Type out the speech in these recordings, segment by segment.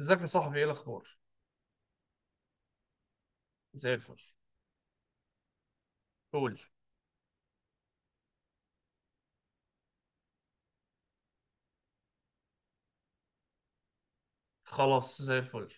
ازيك يا صاحبي، ايه الاخبار؟ زي الفل. قول. خلاص، زي الفل.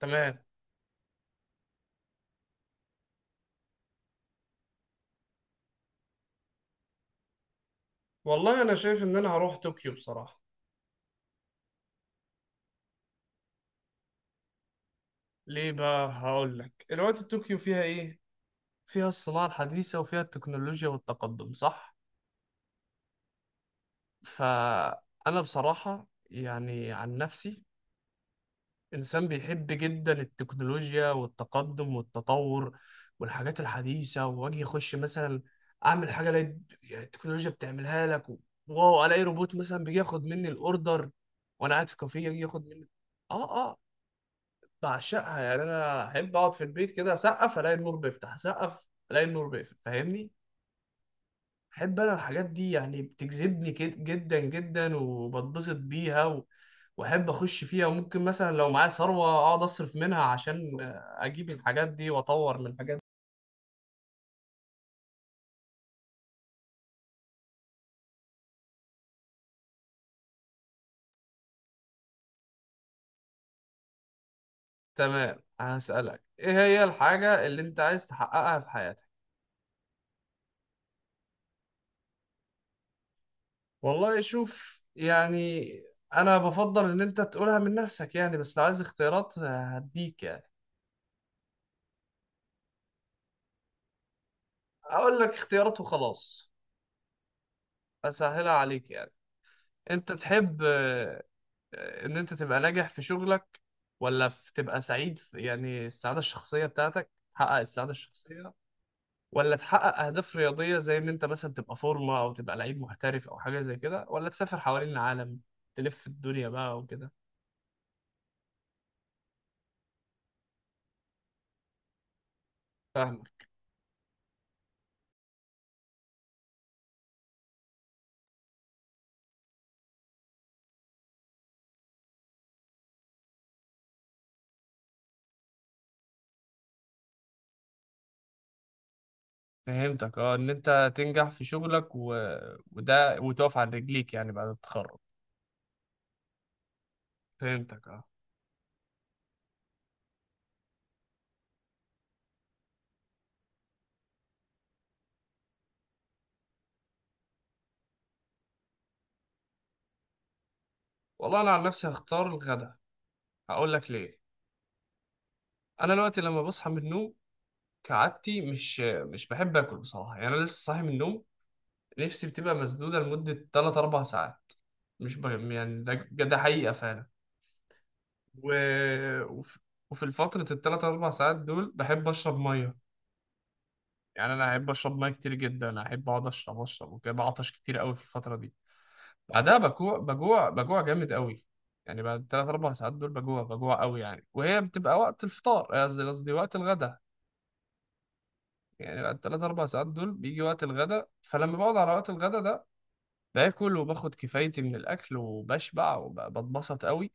تمام. والله انا شايف ان انا هروح طوكيو بصراحه. ليه بقى؟ هقول لك الوقت. طوكيو فيها ايه؟ فيها الصناعه الحديثه، وفيها التكنولوجيا والتقدم، صح؟ فانا بصراحه يعني عن نفسي إنسان بيحب جدا التكنولوجيا والتقدم والتطور والحاجات الحديثة. وأجي أخش مثلا أعمل حاجة ألاقي يعني التكنولوجيا بتعملها لك واو، ألاقي روبوت مثلا بيجي ياخد مني الأوردر وأنا قاعد في كافيه، يجي ياخد مني. آه آه. بعشقها يعني. أنا أحب أقعد في البيت كده، أسقف ألاقي النور بيفتح، أسقف ألاقي النور بيقفل، فاهمني؟ أحب أنا الحاجات دي، يعني بتجذبني جدا جدا، وبتبسط بيها. واحب اخش فيها، وممكن مثلا لو معايا ثروه اقعد اصرف منها عشان اجيب الحاجات دي واطور من الحاجات دي. تمام، هسألك ايه هي الحاجه اللي انت عايز تحققها في حياتك؟ والله شوف يعني، انا بفضل ان انت تقولها من نفسك يعني، بس لو عايز اختيارات هديك يعني. اقول لك اختيارات وخلاص. اسهلها عليك يعني. انت تحب، ان انت تبقى ناجح في شغلك؟ ولا تبقى سعيد في يعني السعاده الشخصيه بتاعتك، تحقق السعاده الشخصيه؟ ولا تحقق أهداف رياضية، زي إن أنت مثلا تبقى فورمة أو تبقى لعيب محترف أو حاجة زي كده؟ ولا تسافر حوالين العالم، تلف الدنيا بقى وكده؟ فاهمك. فهمتك اه، إن أنت تنجح في شغلك وده وتقف على رجليك يعني بعد التخرج. فهمتك اه. والله أنا عن نفسي هختار الغدا. هقول لك ليه. أنا دلوقتي لما بصحى من النوم كعادتي مش بحب آكل بصراحة. يعني أنا لسه صاحي من النوم، نفسي بتبقى مسدودة لمدة 3 4 ساعات. مش ب... يعني ده حقيقة فعلا و... وف- وفي فترة التلات أربع ساعات دول بحب أشرب مية. يعني أنا أحب أشرب مية كتير جدا، أحب أقعد أشرب وكده، بعطش كتير أوي في الفترة دي. بعدها بجوع بجوع بجوع جامد أوي. يعني بعد التلات أربع ساعات دول بجوع بجوع أوي يعني، وهي بتبقى وقت الفطار، قصدي وقت الغدا. يعني بعد التلات أربع ساعات دول بيجي وقت الغدا، فلما بقعد على وقت الغدا ده باكل وباخد كفايتي من الأكل وبشبع وبتبسط أوي،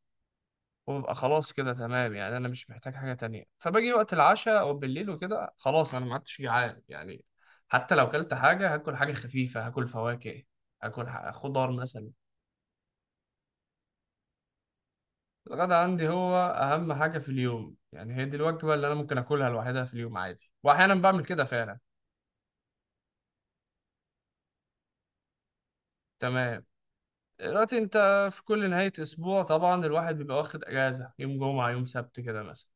وببقى خلاص كده تمام. يعني انا مش محتاج حاجه تانية، فباجي وقت العشاء او بالليل وكده خلاص انا ما عدتش جعان يعني. حتى لو اكلت حاجه هاكل حاجه خفيفه، هاكل فواكه، هاكل خضار مثلا. الغدا عندي هو اهم حاجه في اليوم يعني، هي دي الوجبه اللي انا ممكن اكلها لوحدها في اليوم عادي، واحيانا بعمل كده فعلا. تمام، دلوقتي انت في كل نهايه اسبوع طبعا الواحد بيبقى واخد اجازه، يوم جمعه يوم سبت كده مثلا،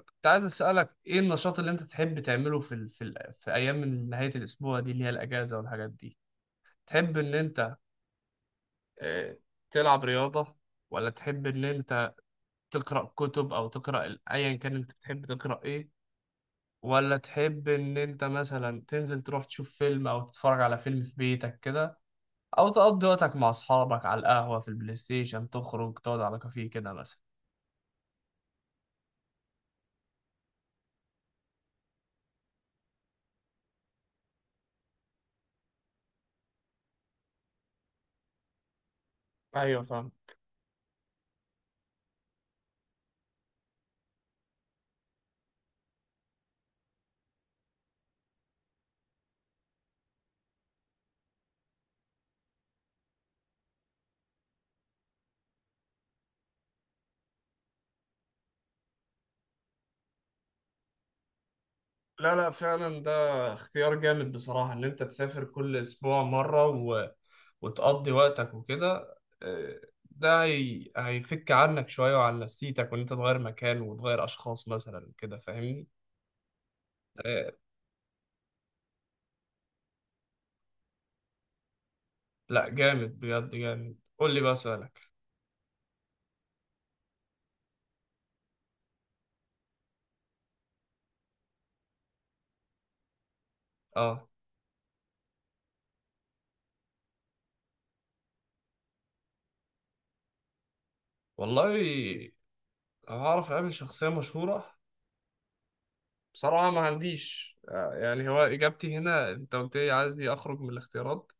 كنت عايز أسألك إيه النشاط اللي أنت تحب تعمله في أيام من نهاية الأسبوع دي اللي هي الأجازة والحاجات دي. تحب إن أنت، آه، تلعب رياضة؟ ولا تحب إن أنت تقرأ كتب، أو أيا كان أنت بتحب تقرأ إيه؟ ولا تحب إن أنت مثلا تنزل تروح تشوف فيلم أو تتفرج على فيلم في بيتك كده، أو تقضي وقتك مع أصحابك على القهوة، في البلاي ستيشن، تخرج تقعد على كافيه كده مثلا؟ ايوه فاهم. لا لا، فعلا ده اختيار جامد بصراحة، ان انت تسافر كل اسبوع مرة وتقضي وقتك وكده، هيفك عنك شوية وعن نفسيتك، وإن أنت تغير مكان وتغير أشخاص مثلا كده، فاهمني؟ آه، لا جامد، بجد جامد. قول لي بقى سؤالك. اه والله، لو هعرف أقابل شخصية مشهورة بصراحة، ما عنديش يعني، هو إجابتي هنا أنت قلت لي عايز دي أخرج من الاختيارات،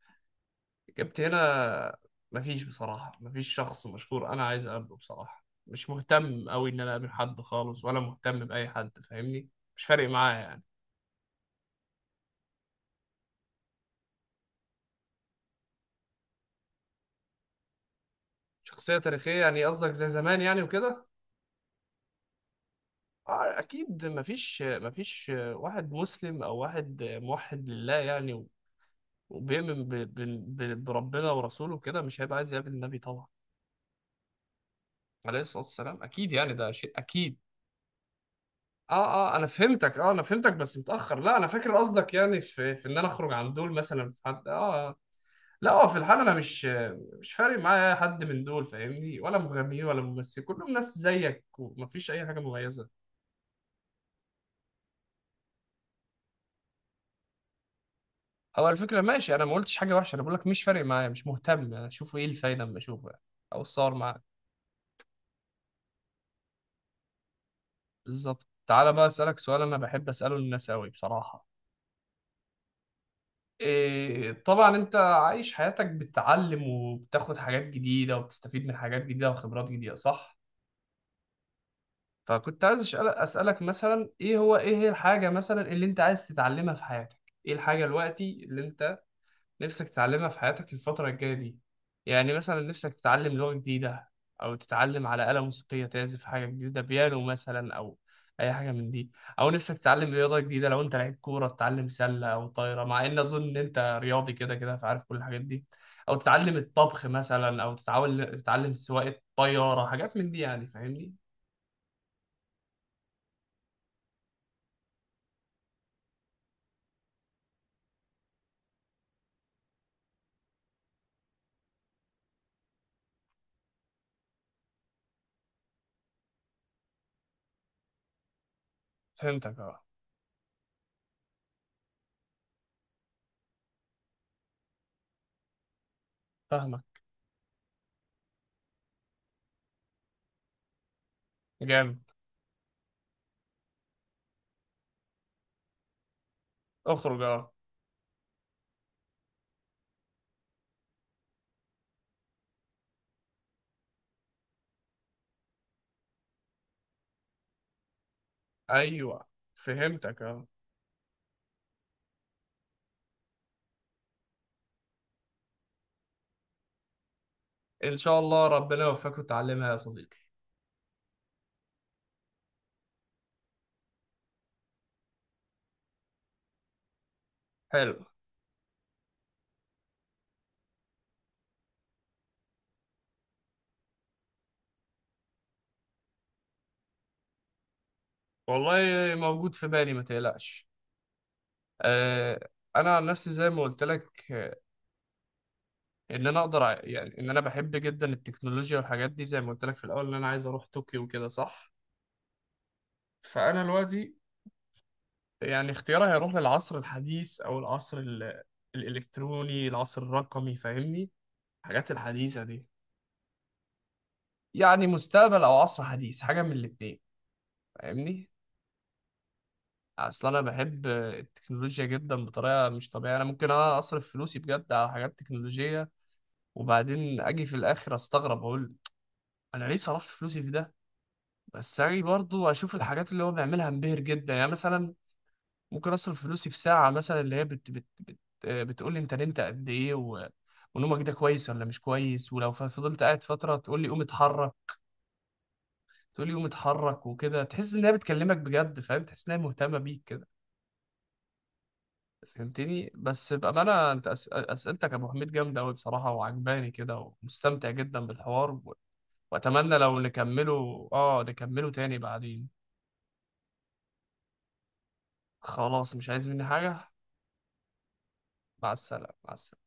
جبت هنا مفيش بصراحة. مفيش شخص مشهور أنا عايز أقابله بصراحة، مش مهتم أوي إن أنا أقابل حد خالص، ولا مهتم بأي حد فاهمني، مش فارق معايا يعني. شخصية تاريخية، يعني قصدك زي زمان يعني وكده؟ آه أكيد. مفيش واحد مسلم أو واحد موحد لله يعني، وبيؤمن بربنا ورسوله كده، مش هيبقى عايز يقابل النبي طبعا. عليه الصلاة والسلام، أكيد يعني، ده شيء أكيد. اه. اه انا فهمتك، اه انا فهمتك بس متاخر. لا انا فاكر قصدك، يعني في ان انا اخرج عن دول، مثلا في حد، اه. لا اه، في الحال انا مش فارق معايا حد من دول، فاهمني، ولا مغنيين ولا ممثل، كلهم ناس زيك ومفيش اي حاجه مميزه. او على فكره ماشي، انا ما قلتش حاجه وحشه، انا بقول لك مش فارق معايا، مش مهتم اشوف ايه الفايده اما اشوفه يعني، او اتصور معاك. بالظبط. تعالى بقى اسالك سؤال انا بحب اساله للناس قوي بصراحه. طبعا انت عايش حياتك بتتعلم وبتاخد حاجات جديدة وبتستفيد من حاجات جديدة وخبرات جديدة، صح؟ فكنت عايز اسألك مثلا، ايه هي الحاجة مثلا اللي انت عايز تتعلمها في حياتك؟ ايه الحاجة دلوقتي اللي انت نفسك تتعلمها في حياتك الفترة الجاية دي، يعني مثلا نفسك تتعلم لغة جديدة، أو تتعلم على آلة موسيقية تعزف حاجة جديدة، بيانو مثلا، أو أي حاجة من دي، أو نفسك تتعلم رياضة جديدة، لو أنت لعيب كورة تتعلم سلة أو طايرة، مع إن أظن إن أنت رياضي كده كده فعارف كل الحاجات دي، أو تتعلم الطبخ مثلا، أو تتعلم سواقة طيارة، حاجات من دي يعني، فاهمني؟ فهمتك أه. فاهمك. جامد. اخرج أه. أيوه فهمتك أه. إن شاء الله ربنا يوفقك وتعلمها يا صديقي. حلو. والله موجود في بالي ما تقلقش. آه، انا عن نفسي زي ما قلت لك، ان انا اقدر يعني ان انا بحب جدا التكنولوجيا والحاجات دي، زي ما قلت لك في الاول ان انا عايز اروح طوكيو وكده صح. فانا دلوقتي يعني اختياري هيروح للعصر الحديث، او العصر الالكتروني، العصر الرقمي فاهمني، الحاجات الحديثة دي. يعني مستقبل او عصر حديث، حاجة من الاتنين، فاهمني. اصل انا بحب التكنولوجيا جدا بطريقة مش طبيعية، انا ممكن انا اصرف فلوسي بجد على حاجات تكنولوجية، وبعدين اجي في الاخر استغرب اقول انا ليه صرفت فلوسي في ده. بس اجي برضو اشوف الحاجات اللي هو بيعملها انبهر جدا. يعني مثلا ممكن اصرف فلوسي في ساعه مثلا، اللي هي بت بت بت آه، بتقول لي انت نمت قد ايه ونومك ده كويس ولا مش كويس، ولو فضلت قاعد فتره تقول لي قوم اتحرك. تقول لي قوم اتحرك وكده، تحس ان هي بتكلمك بجد، فاهم تحس ان هي مهتمه بيك كده. فهمتني؟ بس بامانه انت اسئلتك يا ابو حميد جامده قوي بصراحه، وعجباني كده، ومستمتع جدا بالحوار. واتمنى لو نكمله تاني بعدين. خلاص، مش عايز مني حاجة. مع السلامة، مع السلامة.